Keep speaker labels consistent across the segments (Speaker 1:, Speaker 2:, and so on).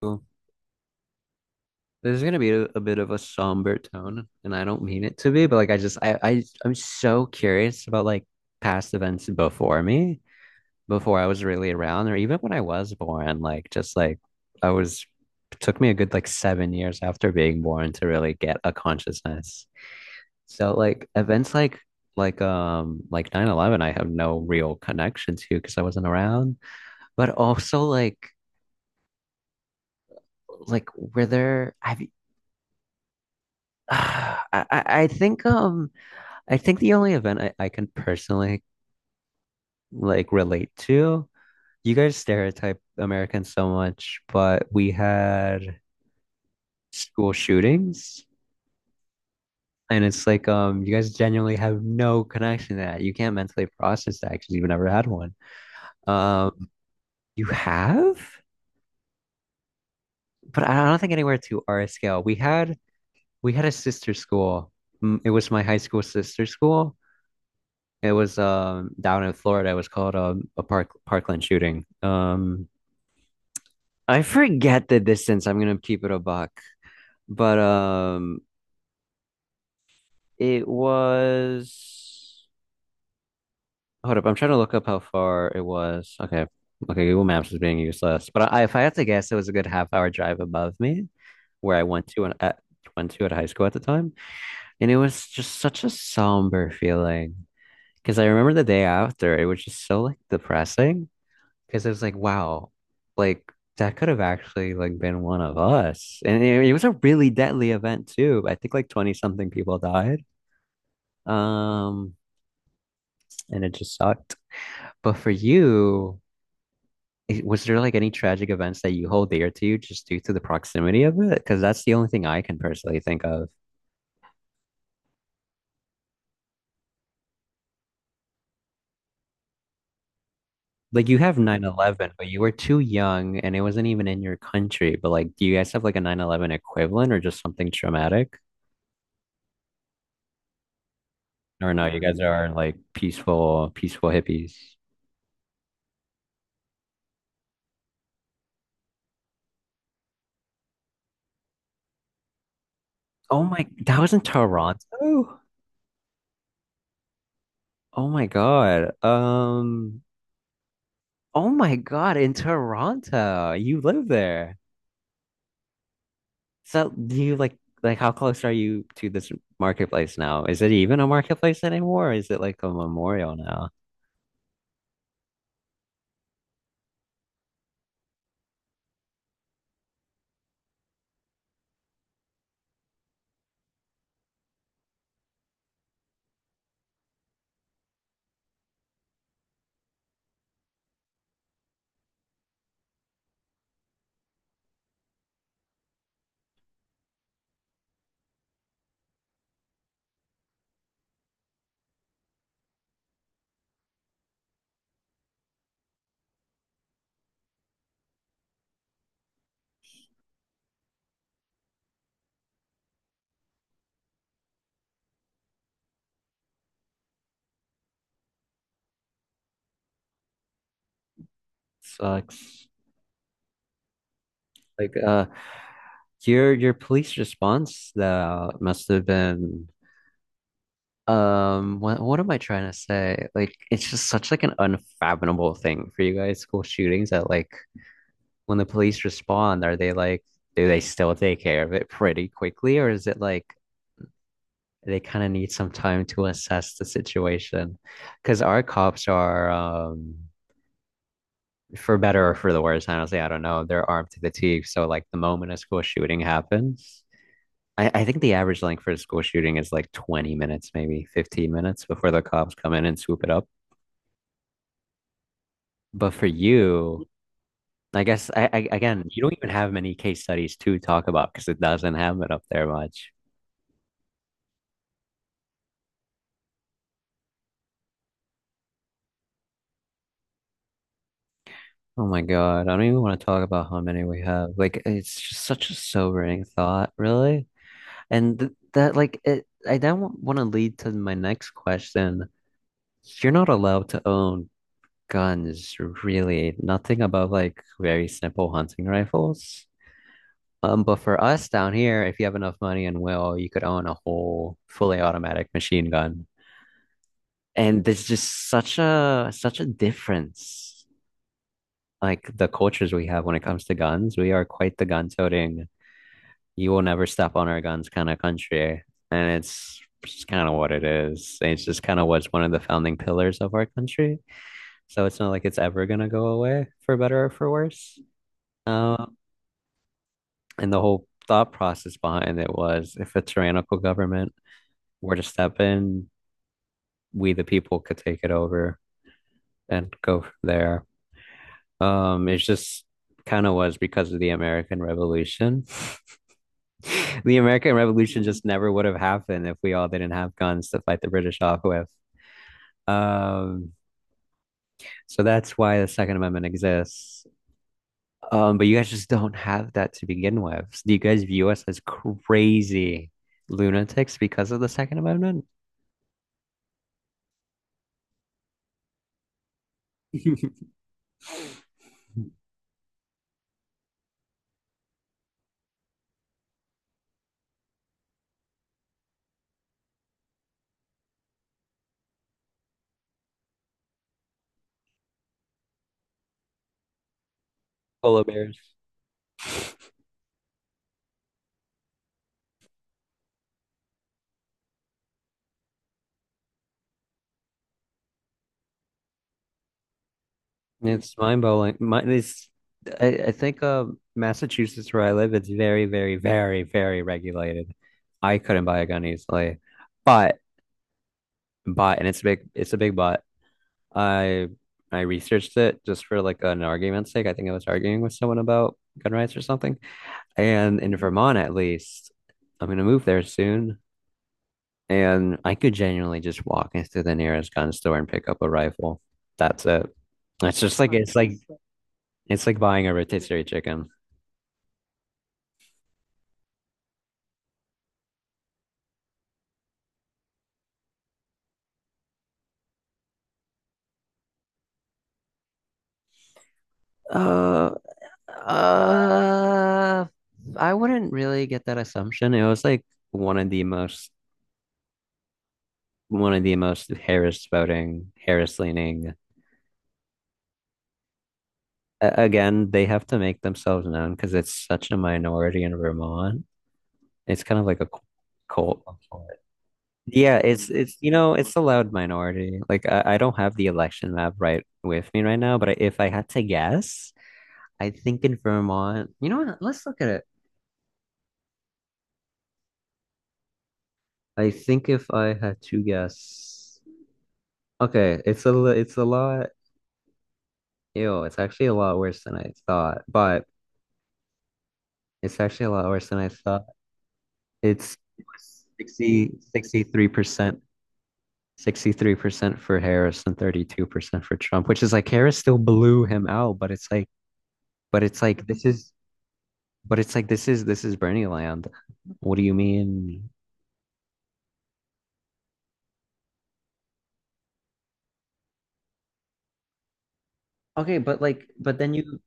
Speaker 1: Well, this is gonna be a bit of a somber tone, and I don't mean it to be, but like I just I I'm so curious about like past events before me, before I was really around, or even when I was born. Like just like I was it took me a good like 7 years after being born to really get a consciousness. So like events like 9/11, I have no real connection to because I wasn't around, but also like were there have you I think I think the only event I can personally like relate to, you guys stereotype Americans so much, but we had school shootings. And it's like you guys genuinely have no connection to that. You can't mentally process that because you've never had one. Um you have? But I don't think anywhere to our scale. We had a sister school. It was my high school sister school. It was down in Florida. It was called a park Parkland shooting. I forget the distance. I'm gonna keep it a buck. But it was hold up, I'm trying to look up how far it was. Okay. Okay, Google Maps is being useless. But if I had to guess, it was a good half hour drive above me where I went to an, at went to at high school at the time. And it was just such a somber feeling. Because I remember the day after, it was just so like depressing. Because it was like, wow, like that could have actually like been one of us. And it was a really deadly event too. I think like 20 something people died. Um, and it just sucked. But for you, was there like any tragic events that you hold dear to you just due to the proximity of it? Because that's the only thing I can personally think of. Like you have 9/11, but you were too young and it wasn't even in your country. But like, do you guys have like a 9/11 equivalent or just something traumatic? Or no, you guys are like peaceful, peaceful hippies. Oh my, that was in Toronto? Oh my God. Oh my God, in Toronto. You live there. So do you like how close are you to this marketplace now? Is it even a marketplace anymore? Or is it like a memorial now? Sucks. Like your police response though must have been. What am I trying to say? Like, it's just such like an unfathomable thing for you guys, school shootings, that like when the police respond, are they like do they still take care of it pretty quickly, or is it like they kind of need some time to assess the situation? Because our cops are for better or for the worse, honestly, I don't know. They're armed to the teeth, so like the moment a school shooting happens, I think the average length for a school shooting is like 20 minutes, maybe 15 minutes before the cops come in and swoop it up. But for you, I guess I again, you don't even have many case studies to talk about because it doesn't happen up there much. Oh my God, I don't even want to talk about how many we have. Like it's just such a sobering thought, really. And th that like it I then want to lead to my next question. You're not allowed to own guns, really. Nothing above like very simple hunting rifles. But for us down here, if you have enough money and will, you could own a whole fully automatic machine gun. And there's just such a difference. Like the cultures we have when it comes to guns, we are quite the gun toting, you will never step on our guns kind of country. And it's just kind of what it is. It's just kind of what's one of the founding pillars of our country. So it's not like it's ever gonna go away for better or for worse. Uh, and the whole thought process behind it was if a tyrannical government were to step in, we the people could take it over and go from there. It's just kind of was because of the American Revolution. The American Revolution just never would have happened if we all didn't have guns to fight the British off with. Um, so that's why the Second Amendment exists. But you guys just don't have that to begin with. So do you guys view us as crazy lunatics because of the Second Amendment? Polar bears. It's mind-blowing. I think Massachusetts, where I live, it's very, very, very, very regulated. I couldn't buy a gun easily, but but, and it's a big but. I I researched it just for like an argument's sake. I think I was arguing with someone about gun rights or something. And in Vermont, at least, I'm gonna move there soon, and I could genuinely just walk into the nearest gun store and pick up a rifle. That's it. It's just like it's like buying a rotisserie chicken. Uh, uh, I wouldn't really get that assumption. It was like one of the most, one of the most Harris voting, Harris leaning. Again, they have to make themselves known because it's such a minority in Vermont. It's kind of like a cult. Yeah, it's it's a loud minority. Like I don't have the election map right with me right now, but if I had to guess, I think in Vermont, you know what? Let's look at it. I think if I had to guess, okay, it's a lot. Ew, it's actually a lot worse than I thought, but it's actually a lot worse than I thought. It's sixty three percent 63% for Harris and 32% for Trump, which is like Harris still blew him out, but it's like, but it's like this is, but it's like this is Bernie land. What do you mean? Okay, but like,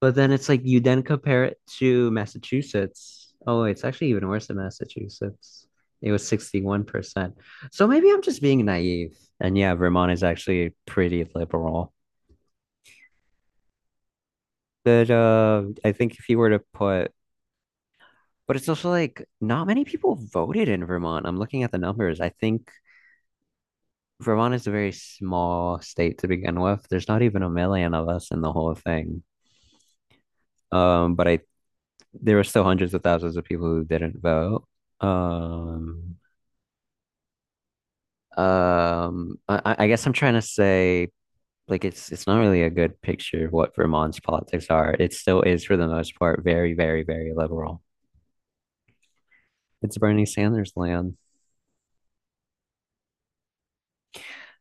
Speaker 1: but then it's like you then compare it to Massachusetts. Oh, it's actually even worse than Massachusetts. It was 61%. So maybe I'm just being naive. And yeah, Vermont is actually pretty liberal. But I think if you were to put, but it's also like not many people voted in Vermont. I'm looking at the numbers. I think Vermont is a very small state to begin with. There's not even a million of us in the whole thing. But I there were still hundreds of thousands of people who didn't vote. Um, I guess I'm trying to say like it's not really a good picture of what Vermont's politics are. It still is for the most part very, very, very liberal. It's Bernie Sanders land.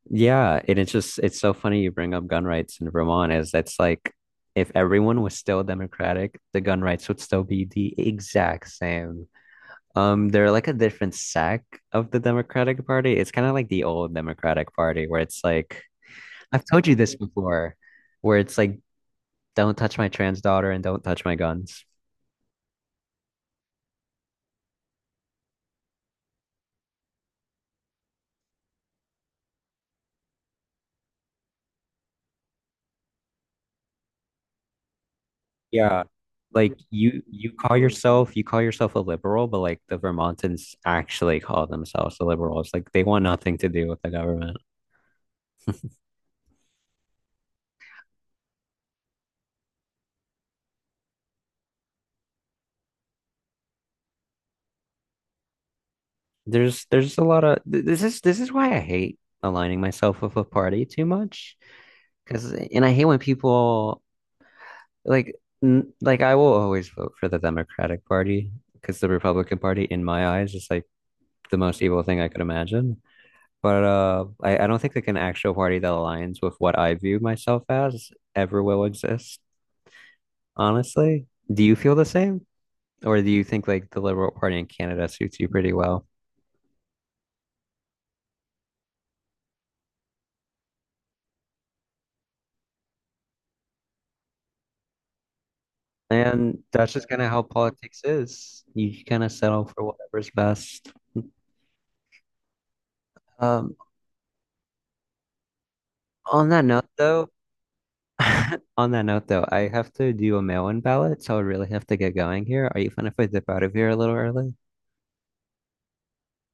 Speaker 1: Yeah, and it's just it's so funny you bring up gun rights in Vermont is that's like if everyone was still democratic, the gun rights would still be the exact same. They're like a different sect of the Democratic Party. It's kind of like the old Democratic Party where it's like I've told you this before, where it's like don't touch my trans daughter and don't touch my guns. Yeah. Like you call yourself a liberal, but like the Vermontans actually call themselves the liberals. Like they want nothing to do with the government. There's a lot of this is why I hate aligning myself with a party too much, because and I hate when people like like I will always vote for the Democratic Party because the Republican Party in my eyes is like the most evil thing I could imagine. But I don't think like an actual party that aligns with what I view myself as ever will exist, honestly. Do you feel the same? Or do you think like the Liberal Party in Canada suits you pretty well? And that's just kind of how politics is. You kind of settle for whatever's best. Um, on that note, though, On that note, though, I have to do a mail-in ballot, so I really have to get going here. Are you fine if I dip out of here a little early?